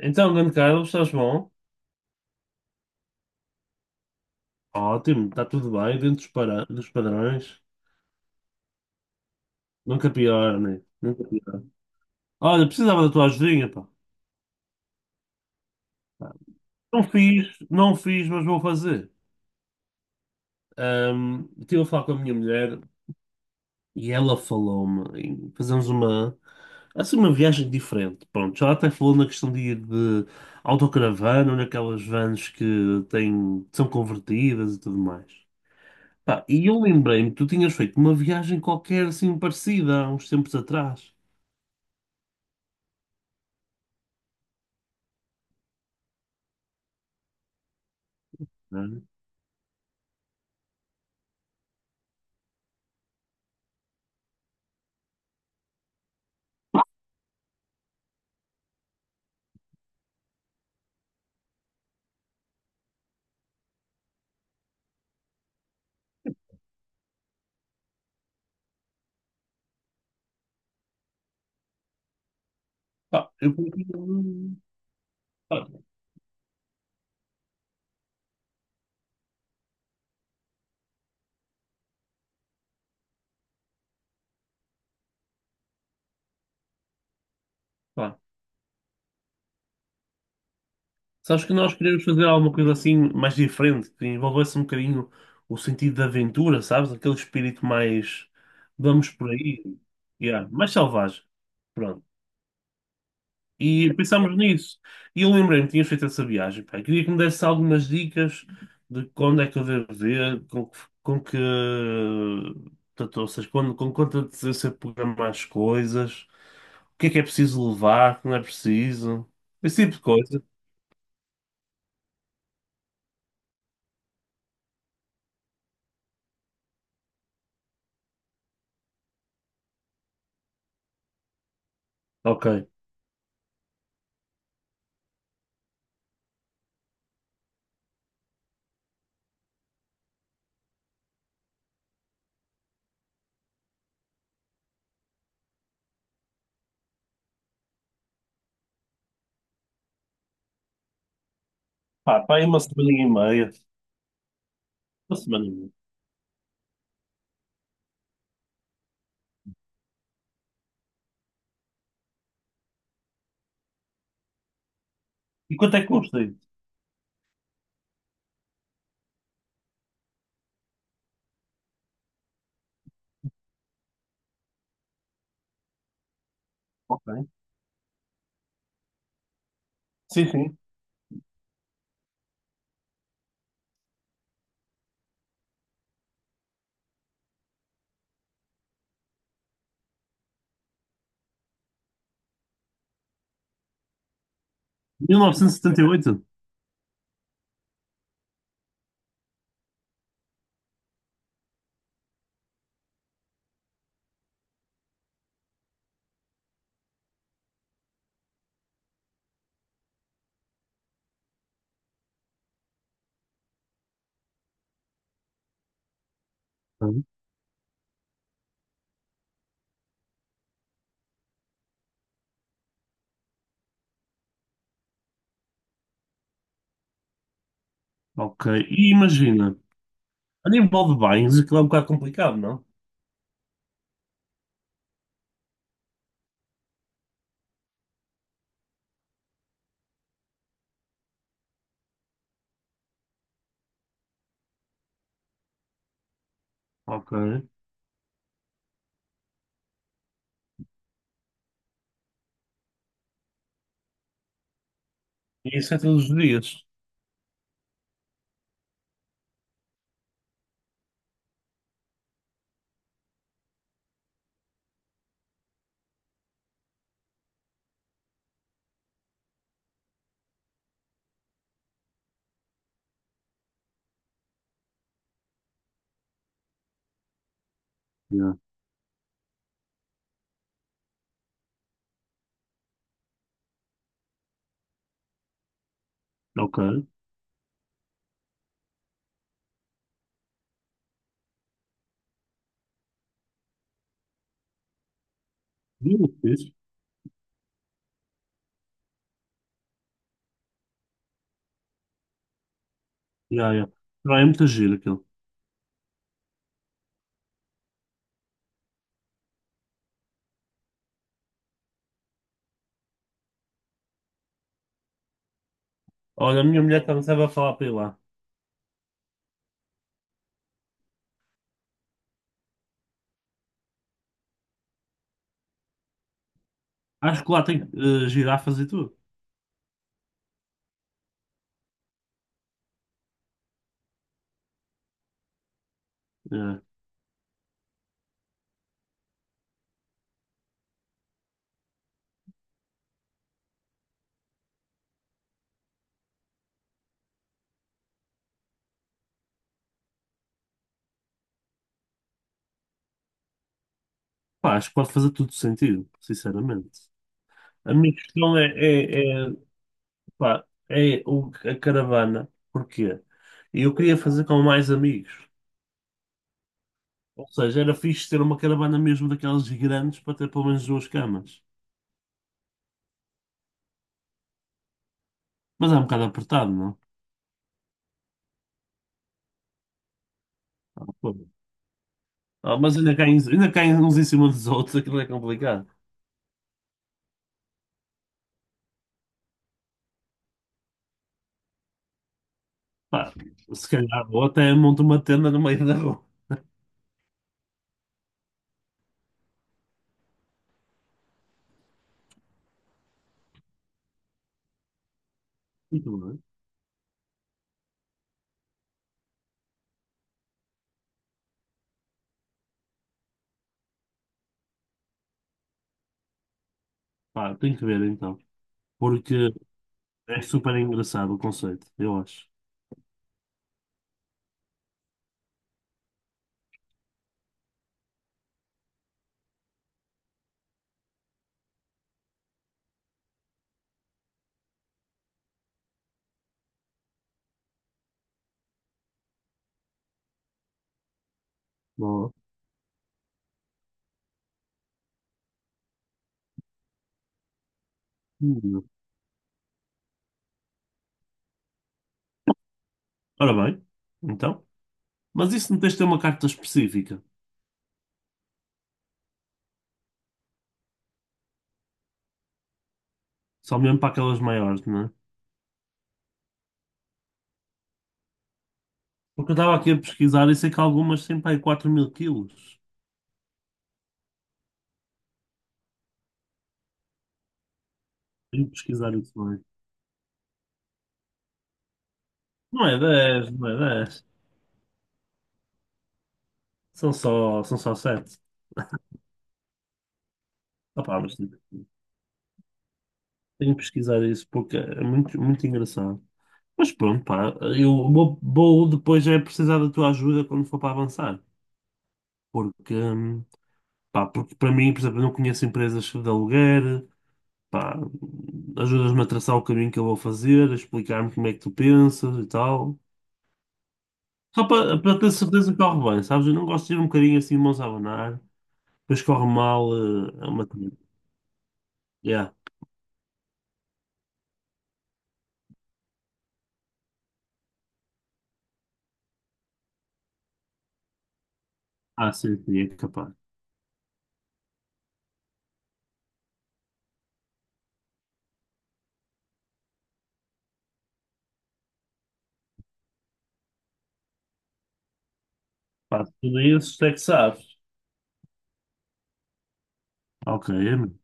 Então, grande Carlos, estás bom? Ótimo, está tudo bem, dentro dos padrões. Nunca pior, né? Nunca pior. Olha, precisava da tua ajudinha, pá. Não fiz, mas vou fazer. Estive a falar com a minha mulher e ela falou-me em fazermos assim, uma viagem diferente. Pronto, já até falou na questão de ir de autocaravana, ou naquelas vans que têm, são convertidas e tudo mais. Pá, e eu lembrei-me que tu tinhas feito uma viagem qualquer assim parecida há uns tempos atrás. Né? Pá, eu por acaso, pá, pá, Sabes que nós queríamos fazer alguma coisa assim mais diferente, que envolvesse um bocadinho o sentido da aventura, sabes? Aquele espírito mais vamos por aí, yeah, mais selvagem. Pronto. E pensámos nisso. E eu lembrei-me que tinhas feito essa viagem, pá. Queria que me desse algumas dicas de quando é que eu devo ver, com, que- com que. Portanto, ou seja, quando, com quanta antecedência programar as coisas, o que é preciso levar, o que não é preciso, esse tipo de coisa. Ok. Pá, pá, aí uma semana e meia. Uma semana e meia. E quanto é que custa isso? Ok. Sim, sim. 1978? Ok. E imagina, a nível de bens, aquilo é um bocado complicado, não? Ok. E isso é todos os dias. Yeah. Ok. Muito fixe. Yeah, yeah. Não, é muito giro aquilo. Olha, a minha mulher também estava a falar para ir lá. Acho que lá tem girafas e tudo. Yeah. Pá, acho que pode fazer tudo sentido, sinceramente. A minha questão é, pá, é a caravana. Porquê? Eu queria fazer com mais amigos. Ou seja, era fixe ter uma caravana mesmo daquelas grandes para ter pelo menos duas camas. Mas é um bocado apertado, não? Ah, mas ainda caem uns em cima dos outros, aquilo é complicado. Pá, se calhar ou até monto uma tenda no meio da rua. E tudo, né? Pá, tem que ver então. Porque é super engraçado o conceito, eu acho. Não. É? Hum. Ora bem, então. Mas isso não tens de ter uma carta específica. Só mesmo para aquelas maiores, não é? Porque eu estava aqui a pesquisar e sei que algumas têm para aí 4 mil quilos. Tenho que pesquisar isso bem. Não é dez, são só, são só sete. Opá, mas tenho que pesquisar isso porque é muito, muito engraçado. Mas pronto, pá, vou depois é precisar da tua ajuda quando for para avançar. Porque, pá, porque para mim, por exemplo, eu não conheço empresas de aluguer, pá, ajudas-me a traçar o caminho que eu vou fazer, a explicar-me como é que tu pensas e tal. Para ter certeza que corre bem, sabes? Eu não gosto de ir um bocadinho assim, mãos a abanar, depois corre mal, é uma coisa. Yeah. Ah, sim, sim, é capaz. Pá, tudo isso é que sabes. Ok, é mesmo.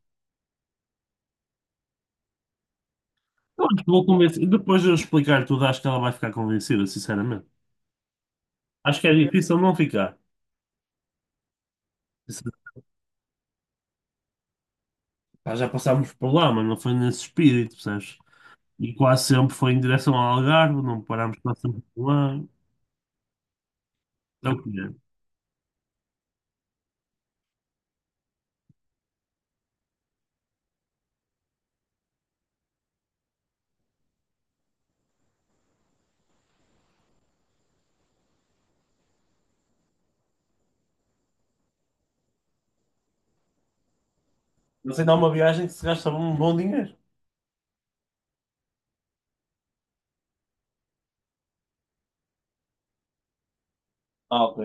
Eu vou convencer. E depois de eu explicar tudo, acho que ela vai ficar convencida, sinceramente. Acho que é difícil não ficar. Pá, já passámos por lá, mas não foi nesse espírito, percebes? E quase sempre foi em direção ao Algarve, não parámos quase sempre por lá. É o que é. Mas ainda há uma viagem que se gasta um bom dinheiro. Ah, ok.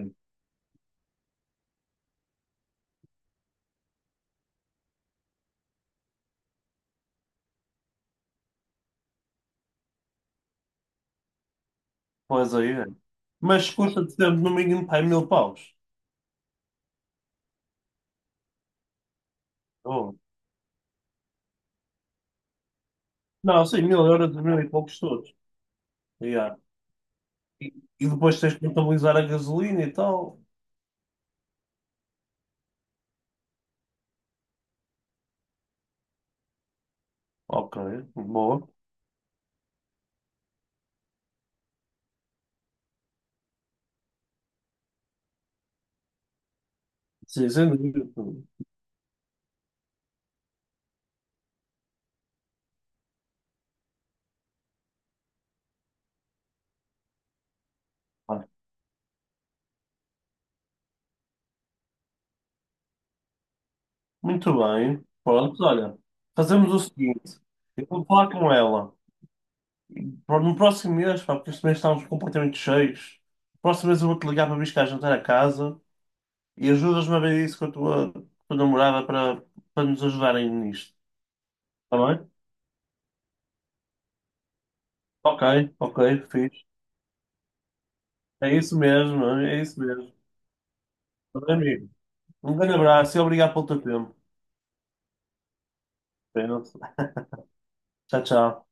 Pois aí é. Mas custa-te sempre no mínimo pá, mil paus. Oh. Não, sim, mil euros, mil e poucos todos. Yeah. E, e depois tens que contabilizar a gasolina e tal. Ok, boa. Sim, sem dúvida. Vai. Muito bem. Pronto, olha, fazemos o seguinte. Eu vou falar com ela. No próximo mês, pá, porque este mês estamos completamente cheios. No próximo mês eu vou-te ligar para vir cá jantar a casa e ajudas-me a ver isso com a tua namorada para nos ajudarem nisto. Está bem? Ok, ok, fixe. É isso mesmo, é isso mesmo. Tá bem, amigo. Um grande abraço e obrigado pelo teu tempo. Apenas. Tchau, tchau.